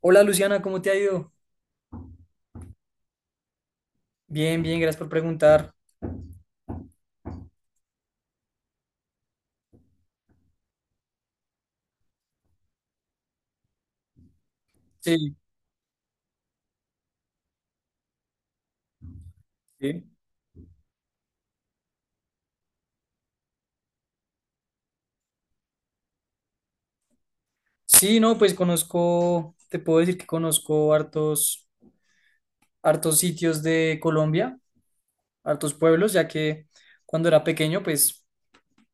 Hola Luciana, ¿cómo te ha ido? Bien, bien, gracias por preguntar. Sí, sí. Sí, no, pues conozco, te puedo decir que conozco hartos, hartos sitios de Colombia, hartos pueblos, ya que cuando era pequeño, pues,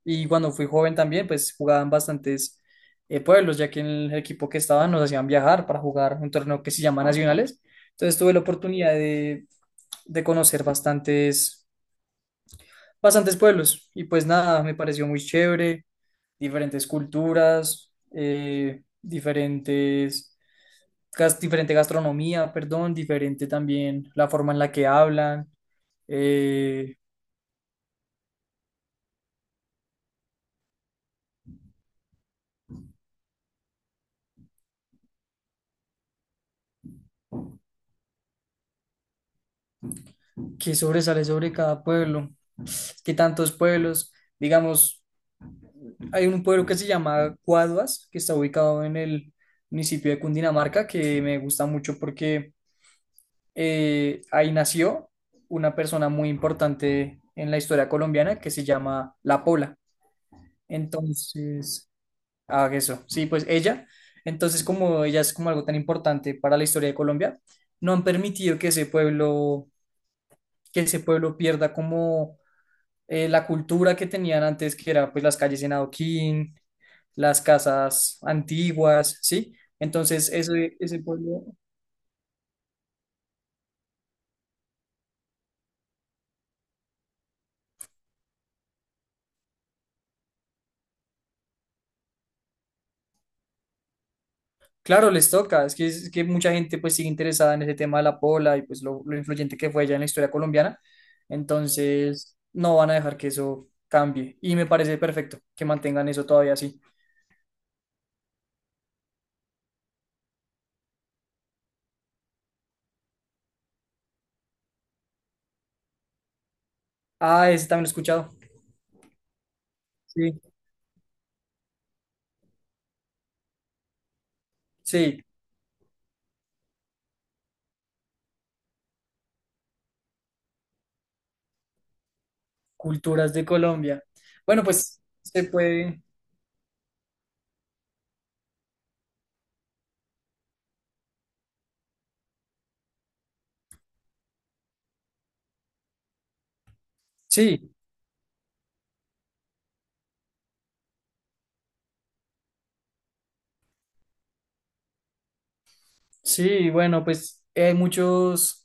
y cuando fui joven también, pues jugaban bastantes pueblos, ya que en el equipo que estaba nos hacían viajar para jugar un torneo que se llama Nacionales. Entonces tuve la oportunidad de conocer bastantes. Bastantes pueblos y pues nada, me pareció muy chévere, diferentes culturas, diferentes, diferente gastronomía, perdón, diferente también la forma en la que hablan, eh, qué sobresale sobre cada pueblo, qué tantos pueblos, digamos, hay un pueblo que se llama Cuaduas, que está ubicado en el municipio de Cundinamarca, que me gusta mucho porque ahí nació una persona muy importante en la historia colombiana que se llama La Pola. Entonces, ah, eso, sí, pues ella. Entonces, como ella es como algo tan importante para la historia de Colombia, no han permitido que que ese pueblo pierda como la cultura que tenían antes, que era pues las calles en adoquín, las casas antiguas, ¿sí? Entonces, ese pueblo. Claro, les toca. Es que mucha gente pues sigue interesada en ese tema de la pola y pues lo influyente que fue ella en la historia colombiana. Entonces, no van a dejar que eso cambie. Y me parece perfecto que mantengan eso todavía así. Ah, ese también lo he escuchado. Sí, sí, culturas de Colombia. Bueno, pues se puede. Sí, sí, bueno, pues hay muchos.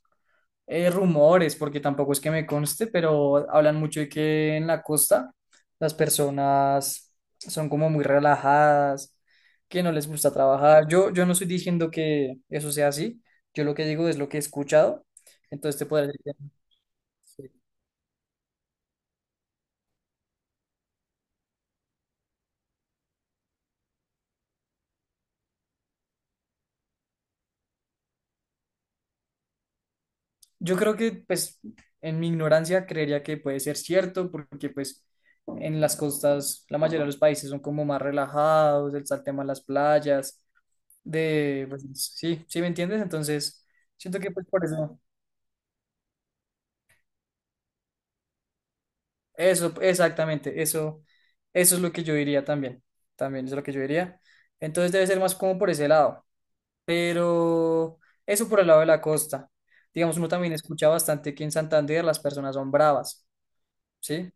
Rumores, porque tampoco es que me conste, pero hablan mucho de que en la costa las personas son como muy relajadas, que no les gusta trabajar. Yo no estoy diciendo que eso sea así, yo lo que digo es lo que he escuchado, entonces te puedo decir que- sí. Yo creo que, pues, en mi ignorancia creería que puede ser cierto, porque, pues, en las costas la mayoría de los países son como más relajados, el tema de las playas de, pues, sí, sí me entiendes, entonces siento que pues por eso, eso, exactamente, eso es lo que yo diría también, también es lo que yo diría, entonces debe ser más como por ese lado, pero eso por el lado de la costa, digamos, uno también escucha bastante que en Santander las personas son bravas, ¿sí?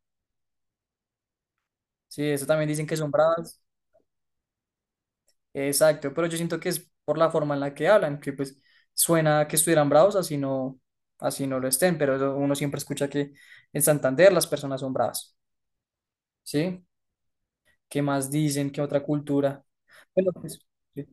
Sí, eso también dicen que son bravas. Exacto, pero yo siento que es por la forma en la que hablan, que pues suena que estuvieran bravos, así no lo estén, pero eso uno siempre escucha que en Santander las personas son bravas, ¿sí? ¿Qué más dicen? ¿Qué otra cultura? Bueno, pues, sí.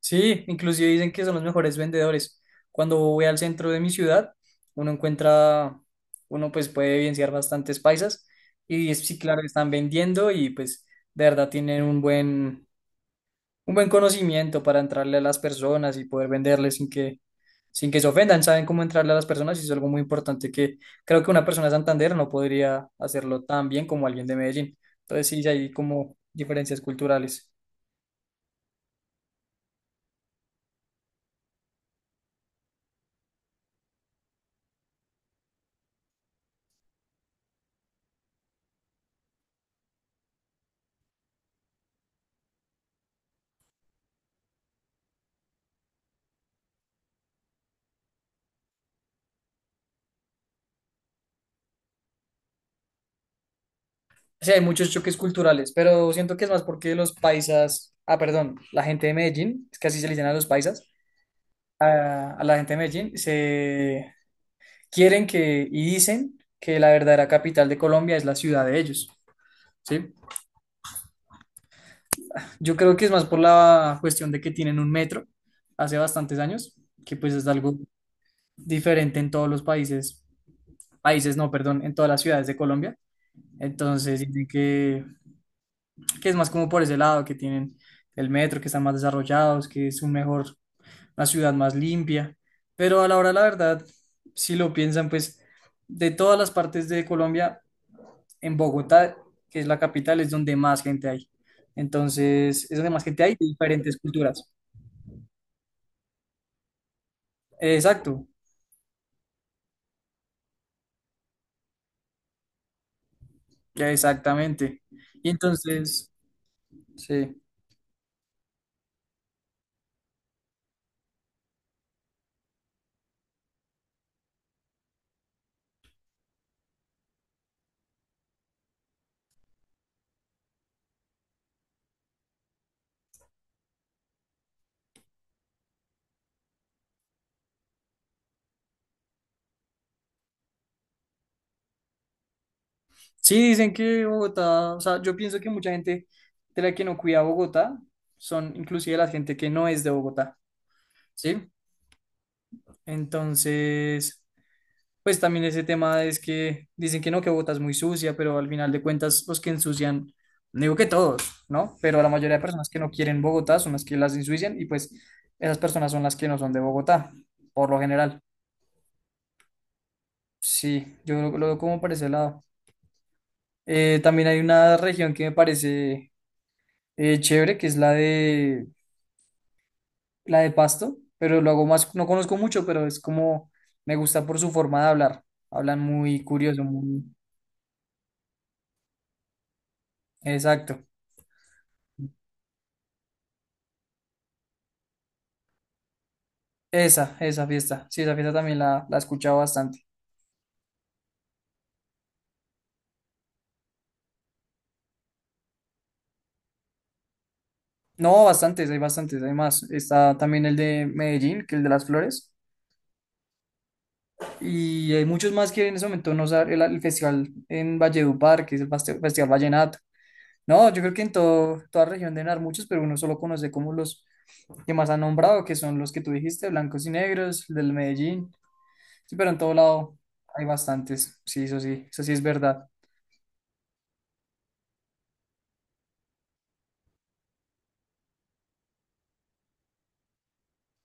Sí, inclusive dicen que son los mejores vendedores. Cuando voy al centro de mi ciudad, uno encuentra, uno pues puede evidenciar bastantes paisas y es- sí, claro, están vendiendo y pues de verdad tienen un buen conocimiento para entrarle a las personas y poder venderles sin que se ofendan. Saben cómo entrarle a las personas y es algo muy importante que creo que una persona de Santander no podría hacerlo tan bien como alguien de Medellín. Entonces sí, sí hay como diferencias culturales. Sí, hay muchos choques culturales, pero siento que es más porque los paisas, ah, perdón, la gente de Medellín, es que así se le dicen a los paisas, a la gente de Medellín, se quieren que y dicen que la verdadera capital de Colombia es la ciudad de ellos, ¿sí? Yo creo que es más por la cuestión de que tienen un metro hace bastantes años, que pues es algo diferente en todos los países, países no, perdón, en todas las ciudades de Colombia. Entonces dicen que es más como por ese lado, que tienen el metro, que están más desarrollados, que es un mejor, una ciudad más limpia. Pero a la hora, la verdad, si lo piensan, pues de todas las partes de Colombia, en Bogotá, que es la capital, es donde más gente hay. Entonces, es donde más gente hay de diferentes culturas. Exacto, ya exactamente. Y entonces, sí. Sí, dicen que Bogotá, o sea, yo pienso que mucha gente de la que no cuida Bogotá son inclusive la gente que no es de Bogotá, ¿sí? Entonces, pues también ese tema es que dicen que no, que Bogotá es muy sucia, pero al final de cuentas los que ensucian, no digo que todos, ¿no? Pero la mayoría de personas que no quieren Bogotá son las que las ensucian y pues esas personas son las que no son de Bogotá, por lo general. Sí, lo veo como por ese lado. También hay una región que me parece chévere, que es la de Pasto, pero lo hago más, no conozco mucho, pero es como me gusta por su forma de hablar. Hablan muy curioso, muy exacto. Esa fiesta. Sí, esa fiesta también la he escuchado bastante. No, bastantes, hay más. Está también el de Medellín, que es el de las flores. Y hay muchos más que en ese momento no saben, el festival en Valledupar, que es el Festival Vallenato. No, yo creo que en toda región deben haber muchos, pero uno solo conoce como los que más han nombrado, que son los que tú dijiste, blancos y negros, el del Medellín. Sí, pero en todo lado hay bastantes. Sí, eso sí es verdad.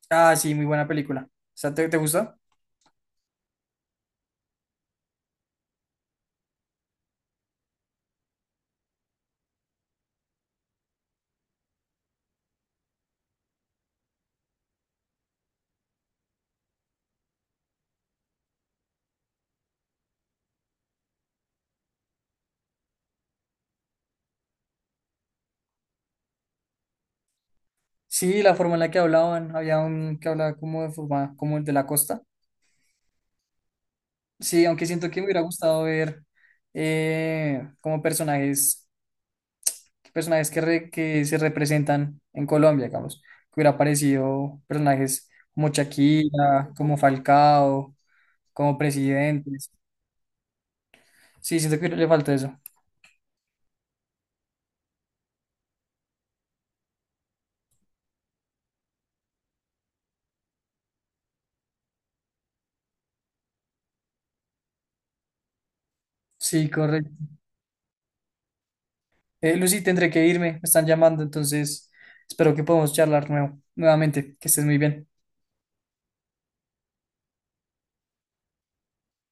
Ah, sí, muy buena película. O sea, ¿te, te gustó? Sí, la forma en la que hablaban, había un que hablaba como de forma, como el de la costa. Sí, aunque siento que me hubiera gustado ver como personajes. Personajes que, que se representan en Colombia, digamos, que hubiera aparecido personajes como Shakira, como Falcao, como presidentes. Sí, siento que le falta eso. Sí, correcto. Lucy, tendré que irme, me están llamando, entonces espero que podamos charlar nuevo, nuevamente, que estés muy bien.